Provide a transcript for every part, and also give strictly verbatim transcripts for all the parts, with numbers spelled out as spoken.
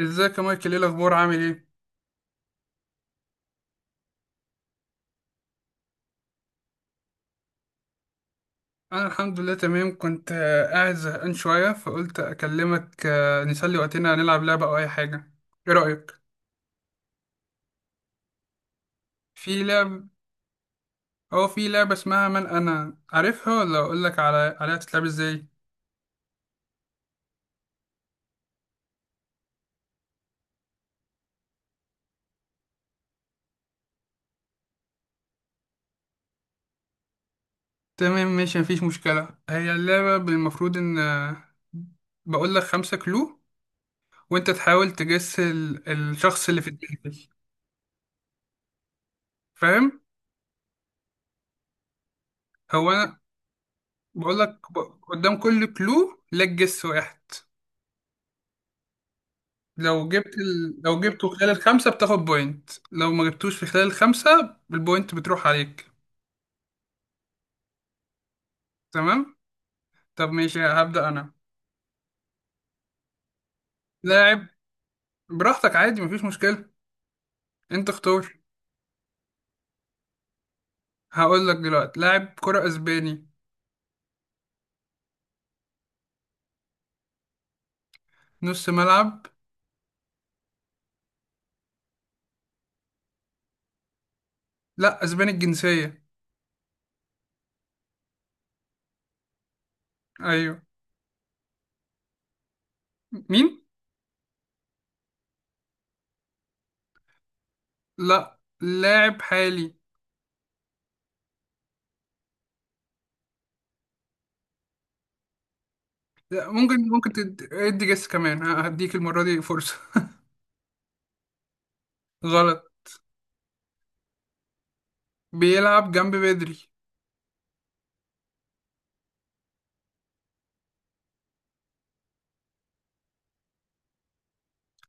ازيك يا مايكل؟ ايه الاخبار، عامل ايه؟ انا الحمد لله تمام. كنت آه، قاعد زهقان شويه، فقلت اكلمك آه، نسلي وقتنا، نلعب لعبه او اي حاجه. ايه رايك في لعب؟ او في لعبه اسمها من انا، عارفها ولا اقول لك على عليها تتلعب ازاي؟ تمام ماشي، مفيش مشكله. هي اللعبه المفروض ان آه، بقول لك خمسة كلو، وانت تحاول تجس ال- الشخص اللي في دماغك، فاهم؟ هو انا بقول لك ب- قدام كل كلو لك جس واحد. لو جبت ال... لو جبته خلال الخمسة بتاخد بوينت، لو ما جبتوش في خلال الخمسة البوينت بتروح عليك. تمام. طب ماشي، هبدأ أنا. لاعب. براحتك عادي، مفيش مشكلة. أنت اختار. هقول لك دلوقتي لاعب كرة أسباني، نص ملعب. لا، أسباني الجنسية. أيوه. مين؟ لا، لاعب حالي. لا ممكن ممكن تد- ادي جس كمان، ه- هديك المرة دي فرصة. غلط. بيلعب جنب بدري.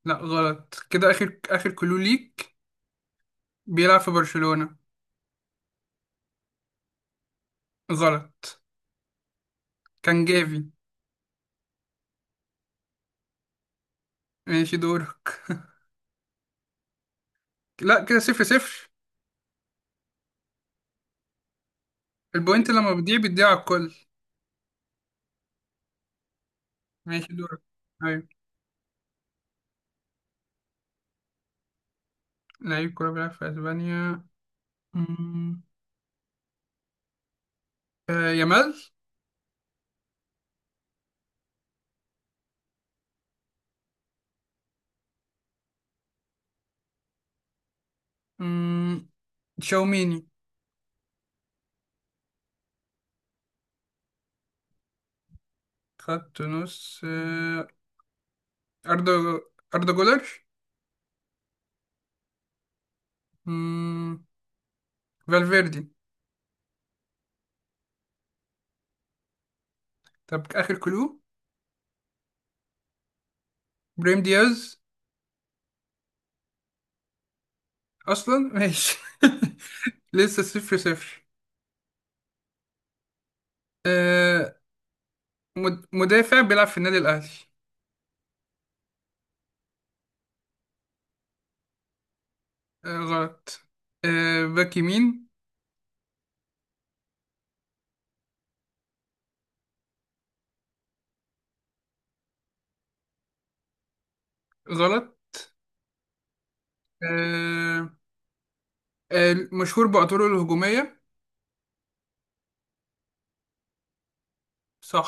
لا غلط. كده آخر آخر كلو ليك. بيلعب في برشلونة. غلط. كان جافي. ماشي دورك. لا كده صفر صفر. البوينت لما بتضيع بتضيع على الكل. ماشي دورك. أيوة. لعيب كورة بيلعب في أسبانيا. مم. آه يامال. مم. تشاوميني. خط نص آه. أردا أردا جولر. مم. فالفيردي. طب آخر كلو. بريم دياز. أصلا ماشي. لسه صفر صفر. آه، مد- مدافع بيلعب في النادي الأهلي. آه غلط. آه باك يمين. غلط. آه آه، مشهور بأطوره الهجومية. صح.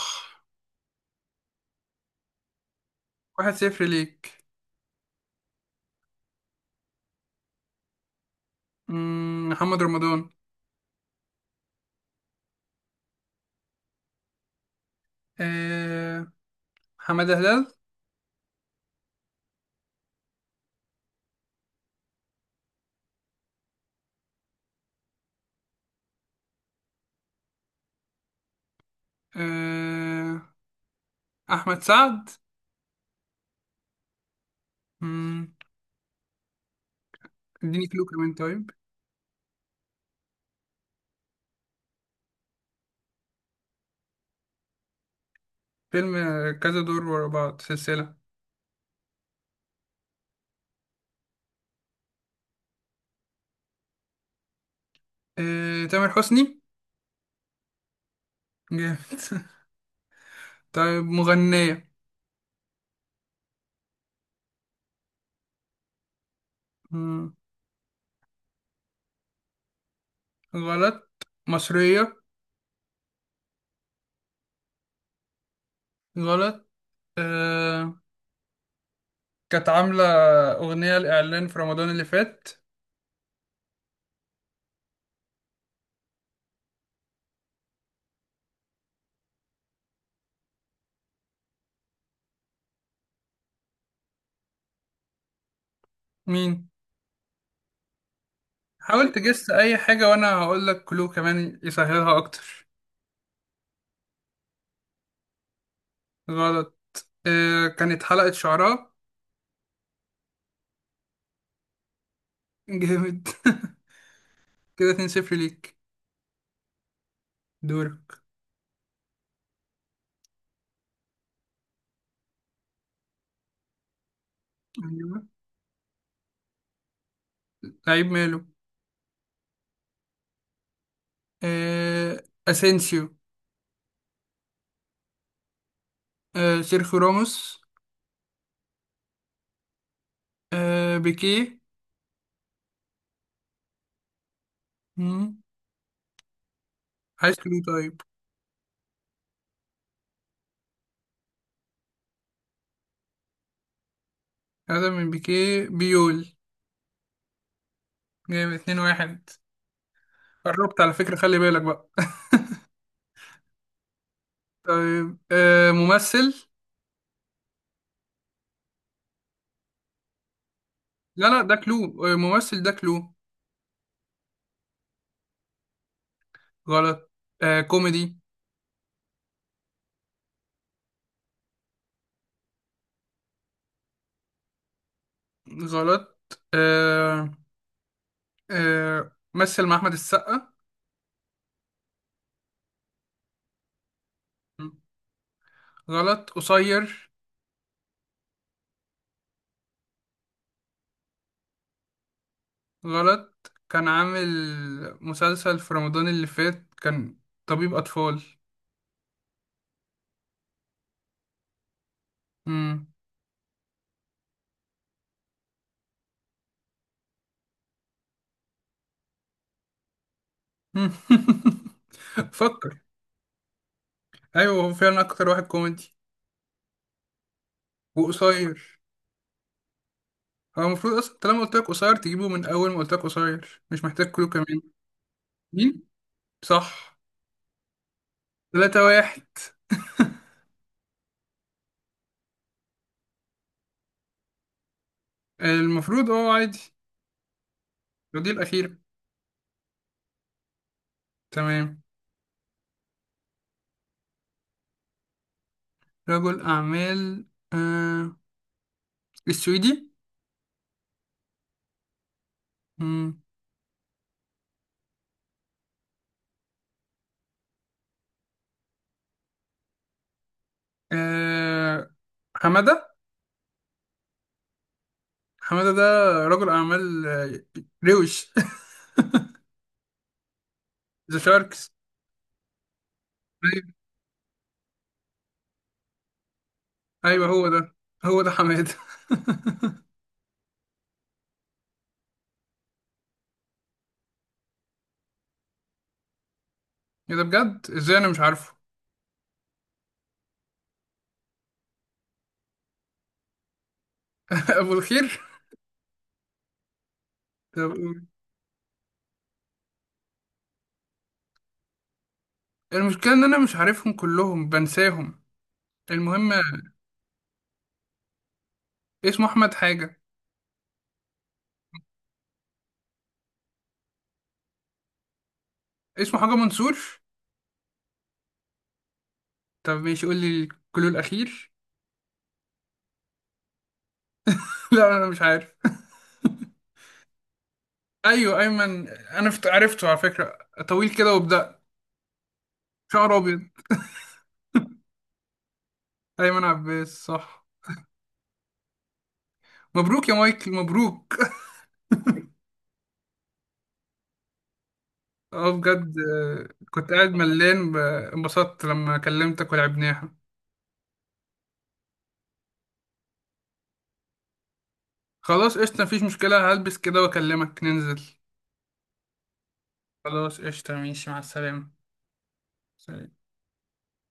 واحد صفر ليك. مم، محمد رمضان. آه حمادة هلال. آه أحمد سعد. مم، اديني كلو كمان طيب. فيلم آه، كذا دور ورا بعض، سلسلة. آه تامر حسني. جامد. طيب، مغنية. مم، غلط. مصرية. غلط. آه كانت عاملة أغنية لإعلان في رمضان اللي فات. مين؟ حاول تجس أي حاجة وأنا هقول لك كلو كمان يسهلها أكتر. غلط. آه كانت حلقة شعراء. جامد. كده اتنين صفر ليك. دورك. أيوة. لعيب ماله؟ آه أسينسيو. آه سيرخيو راموس. آه بيكيه. مم. عايز كلو طيب. هذا من بيكيه، بيول. جامد اثنين واحد. قربت على فكرة، خلي بالك بقى. طيب آه، ممثل. لا لا، ده كلو آه، ممثل ده كلو. غلط. آه كوميدي. غلط. آه آه مثل مع أحمد السقا. غلط قصير. غلط. كان عامل مسلسل في رمضان اللي فات، كان طبيب أطفال. مم. فكر. أيوه هو فعلا أكتر واحد كوميدي وقصير. هو المفروض أصلا طالما قلت لك قصير تجيبه، من أول ما قلت لك قصير مش محتاج كلو كمان. مين؟ صح. تلاتة واحد. المفروض اه عادي. الجزء الأخير. تمام. رجل أعمال. آه السويدي. مم. آه حمادة. حمادة ده رجل أعمال آه، روش. ذا شاركس. أيوة أيوة، هو ده، هو ده حمادة. إيه ده بجد، إزاي أنا مش عارفه؟ أبو الخير. طب قول. المشكلة إن أنا مش عارفهم كلهم، بنساهم. المهم، اسمه أحمد حاجة. اسمه حاجة منصور. طب ماشي، قول لي الكلو الأخير. لا أنا مش عارف. ايوه ايمن، انا فت- عرفته على فكره. طويل كده وبدأ شعر ابيض. ايمن عباس، صح. مبروك يا مايكل، مبروك. اه بجد، آه، كنت قاعد ملان ب- انبسطت لما كلمتك ولعبناها. خلاص قشطه، مفيش مشكله. هلبس كده واكلمك ننزل. خلاص قشطه ماشي، مع السلامه. سلام.